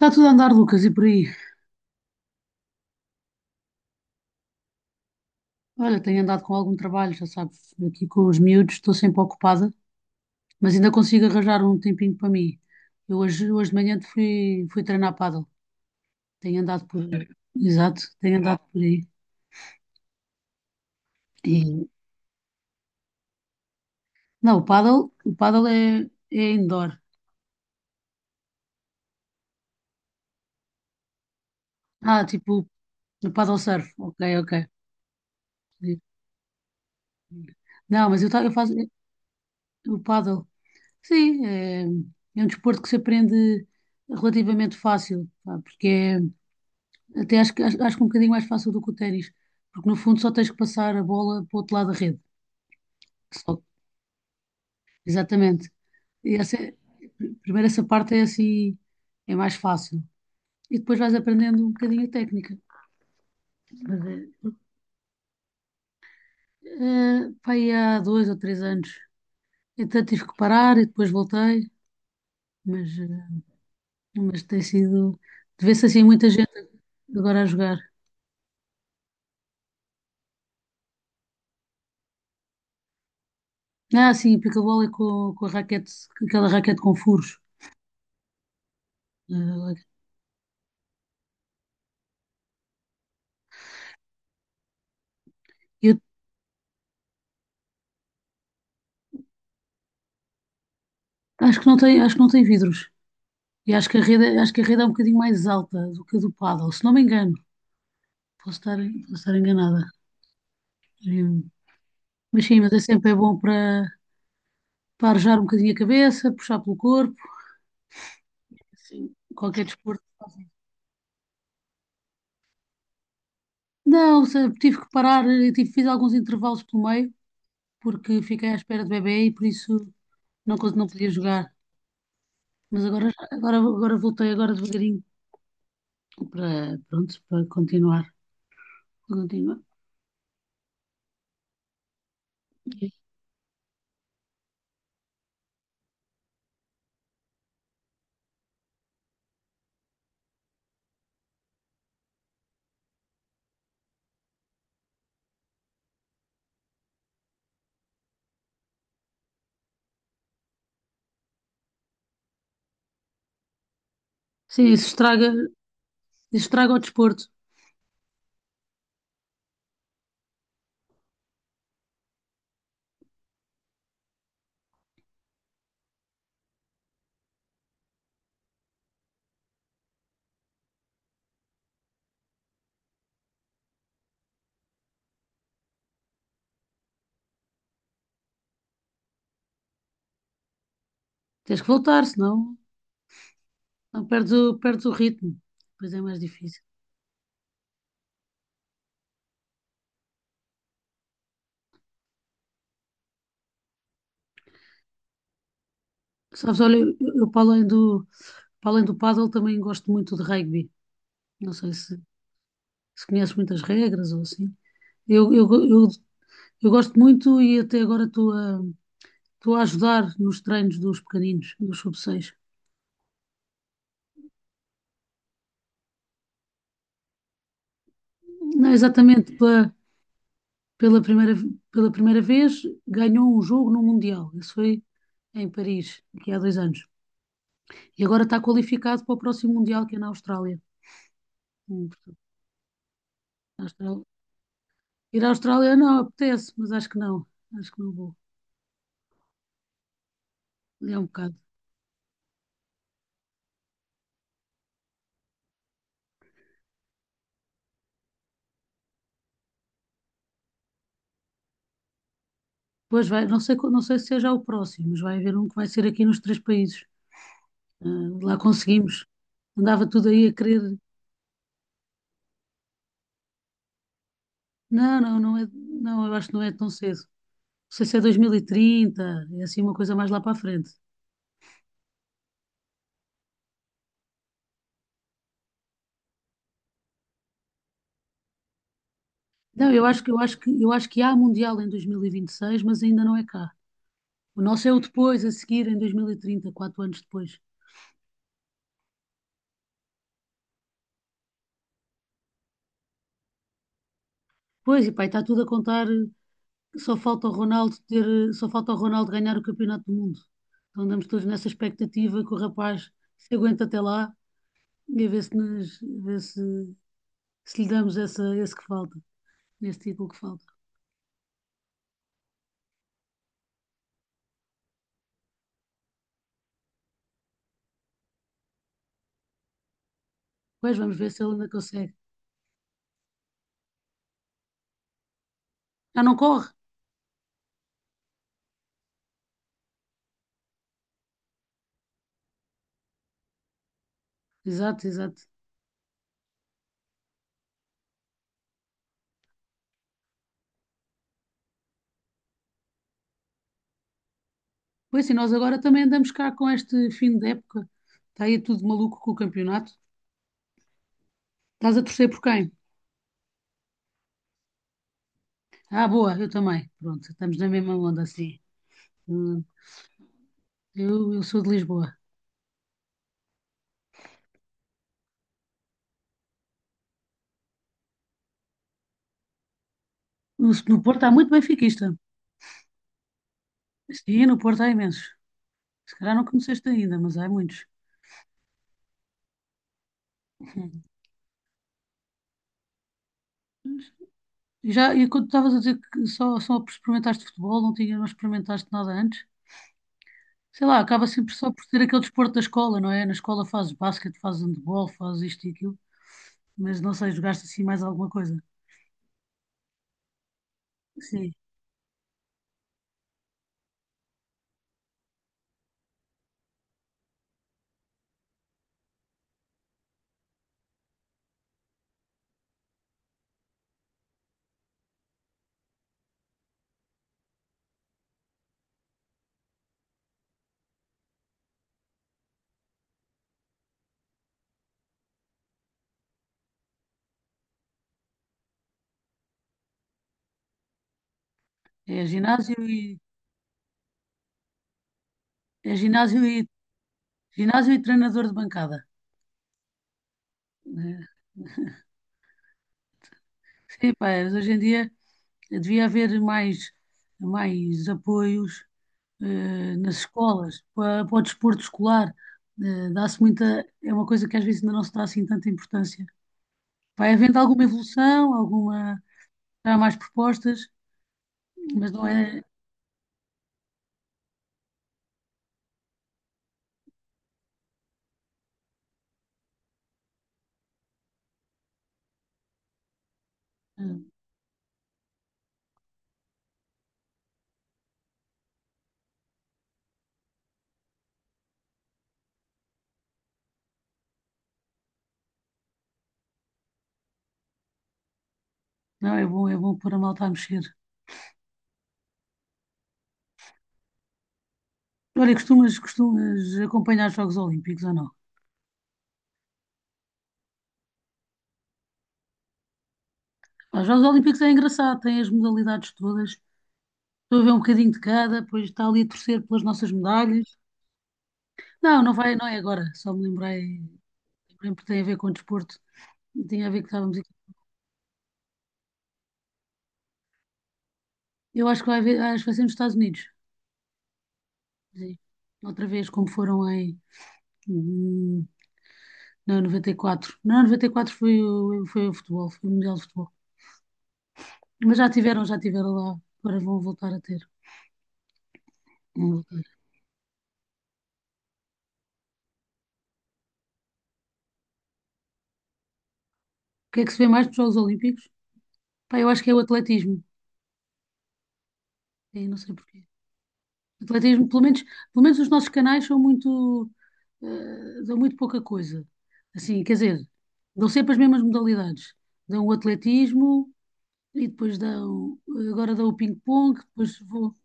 Está tudo a andar, Lucas, e por aí? Olha, tenho andado com algum trabalho, já sabes, aqui com os miúdos, estou sempre ocupada, mas ainda consigo arranjar um tempinho para mim. Eu hoje de manhã fui treinar pádel, tenho andado aí. Exato, tenho andado por aí. E- Não, o pádel é, é indoor. Ah, tipo, o paddle surf, ok, ok. Não, mas eu, eu faço o paddle. Sim, é um desporto que se aprende relativamente fácil, pá. Até acho, acho que um bocadinho mais fácil do que o ténis, porque no fundo só tens que passar a bola para o outro lado da rede. Só. Exatamente. E essa é- primeiro essa parte é assim, é mais fácil. E depois vais aprendendo um bocadinho a técnica. Mas é- é, pá, aí há 2 ou 3 anos. Então tive que parar e depois voltei, mas, eh, mas tem sido. Vê-se assim muita gente agora a jogar. Ah, sim, pickleball é com a raquete, aquela raquete com furos. Eh, Eu Acho que não tem vidros. E acho que a rede é um bocadinho mais alta do que a do paddle, se não me engano. Posso estar enganada. Hum, Mas sim, mas é sempre é bom para, para arejar um bocadinho a cabeça, puxar pelo corpo, assim, qualquer desporto. Não, tive que parar, fiz alguns intervalos pelo meio, porque fiquei à espera do bebê e por isso não podia jogar. Mas agora, agora voltei, agora devagarinho, para, pronto, para continuar. Para continuar. Sim, isso estraga o desporto. Tens que voltar, senão, senão perdes o ritmo. Depois é mais difícil. Sabes, olha, eu para além para além do pádel também gosto muito de rugby. Não sei se conheces muitas regras ou assim. Eu, eu, eu, eu gosto muito e até agora estou a ajudar nos treinos dos pequeninos, dos sub-6. Não é exatamente pela, pela primeira, pela primeira vez ganhou um jogo no Mundial. Isso foi em Paris, aqui há 2 anos. E agora está qualificado para o próximo Mundial, que é na Austrália. Hum, à Austrália. Ir à Austrália não apetece, mas acho que não. Acho que não vou. É um bocado. Pois vai, não sei, não sei se seja o próximo, mas vai haver um que vai ser aqui nos três países. Ah, lá conseguimos. Andava tudo aí a querer. Não, não, não é. Não, eu acho que não é tão cedo. Não sei se é 2030, é assim uma coisa mais lá para a frente. Não, eu acho que eu acho que eu acho que há Mundial em 2026, mas ainda não é cá. O nosso é o depois, a seguir, em 2030, 4 anos depois. Pois, e pá, está tudo a contar. Só falta o Ronaldo ter, só falta o Ronaldo ganhar o Campeonato do Mundo. Então andamos todos nessa expectativa que o rapaz se aguenta até lá e a ver se, se lhe damos essa, esse que falta, esse título que falta. Pois vamos ver se ele ainda consegue. Já não corre? Exato, exato. Pois sim, nós agora também andamos cá com este fim de época. Está aí tudo maluco com o campeonato. Estás a torcer por quem? Ah, boa, eu também. Pronto, estamos na mesma onda assim. Hum, eu sou de Lisboa. No Porto há muito benfiquista. Sim, no Porto há imensos. Se calhar não conheceste ainda, mas há muitos. Uhum. E, já, e quando estavas a dizer que só experimentaste futebol, não tinha, não experimentaste nada antes? Sei lá, acaba sempre só por ser aquele desporto da escola, não é? Na escola fazes basquete, fazes handball, fazes isto e aquilo, mas não sei, jogaste assim mais alguma coisa. Sim, é ginásio e, é ginásio e, ginásio e treinador de bancada. Né? Sim, pá, mas hoje em dia. Devia haver mais apoios nas escolas, para o desporto escolar. Eh, dá-se muita, é uma coisa que às vezes ainda não se dá assim tanta importância. Vai havendo alguma evolução, alguma, há mais propostas, mas não é, eh, não é bom, é bom pôr a malta a mexer. Olha, costumas acompanhar os Jogos Olímpicos ou não? Os Jogos Olímpicos é engraçado, tem as modalidades todas. Estou a ver um bocadinho de cada, depois está ali a torcer pelas nossas medalhas. Não, não vai, não é agora. Só me lembrei. Também porque tem a ver com o desporto, tem a ver que estávamos aqui. Eu acho que vai haver, acho que vai ser nos Estados Unidos. Sim. Outra vez, como foram em hum, não, 94. Não, 94 foi o futebol, foi o Mundial de Futebol. Mas já tiveram lá. Agora vão voltar a ter. Vão voltar. O que é que se vê mais nos Jogos Olímpicos? Pá, eu acho que é o atletismo. Sim, não sei porquê. Atletismo, pelo menos os nossos canais são muito, dão muito pouca coisa. Assim, quer dizer, dão sempre as mesmas modalidades. Dão o atletismo. E depois dá o, agora dá o ping-pong, depois vou.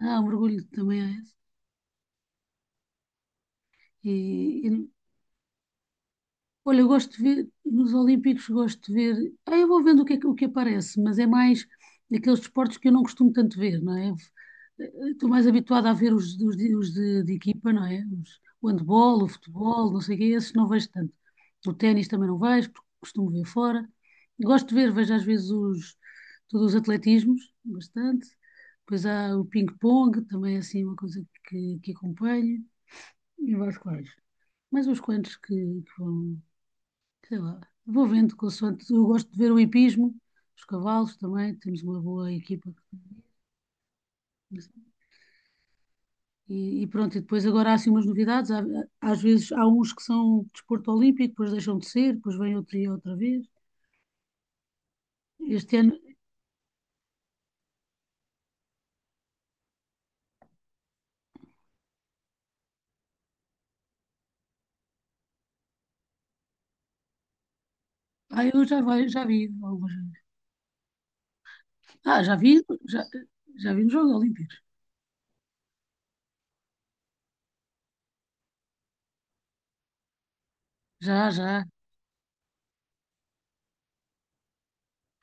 Ah, o mergulho também é esse. E, Olha, eu gosto de ver, nos Olímpicos gosto de ver, eu vou vendo o que aparece, mas é mais daqueles desportos que eu não costumo tanto ver, não é? Estou mais habituada a ver os de de equipa, não é? O handball, o futebol, não sei o quê, esses não vejo tanto. O ténis também não vejo, porque costumo ver fora. Gosto de ver, vejo às vezes todos os atletismos, bastante. Depois há o ping-pong, também é assim uma coisa que acompanho, e mais quais. Mais uns quantos que vão, sei lá, vou vendo consoante. Eu gosto de ver o hipismo, os cavalos também, temos uma boa equipa. E pronto, e depois agora há assim umas novidades. Às vezes há uns que são desporto olímpico, depois deixam de ser, depois vem outro e outra vez. Este ano, já vi algumas vezes. Ah, já vi nos Jogos Olímpicos. Já, já.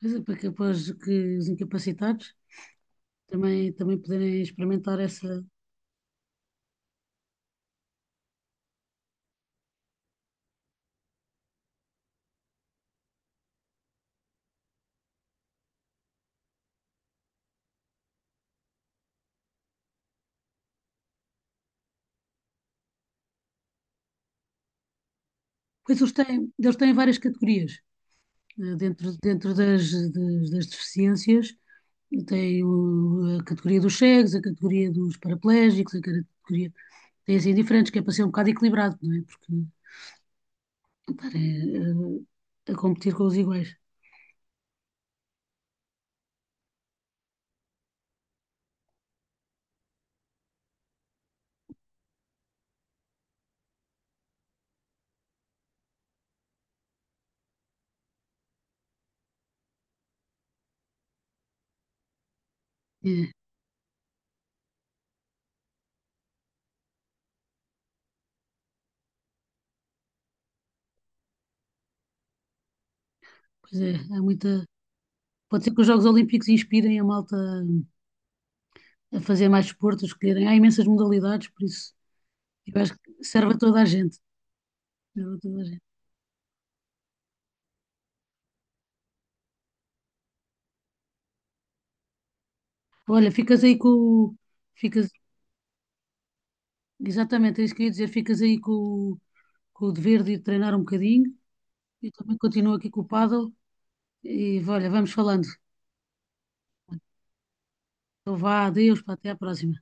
Pois é, para que, para os que- os incapacitados também poderem experimentar essa. Pois eles têm várias categorias, dentro das deficiências. A categoria dos cegos, a categoria dos paraplégicos, a categoria. Tem assim diferentes, que é para ser um bocado equilibrado, não é? Porque pá, a competir com os iguais. É, pois é, há muita. Pode ser que os Jogos Olímpicos inspirem a malta a fazer mais desporto, a escolherem. Há imensas modalidades, por isso eu acho que serve a toda a gente. Serve a toda a gente. Olha, ficas aí com o. Ficas. Exatamente, é isso que eu ia dizer. Ficas aí com o dever de ir treinar um bocadinho e também continuo aqui com o paddle. E olha, vamos falando. Então vá, adeus, pá, até à próxima.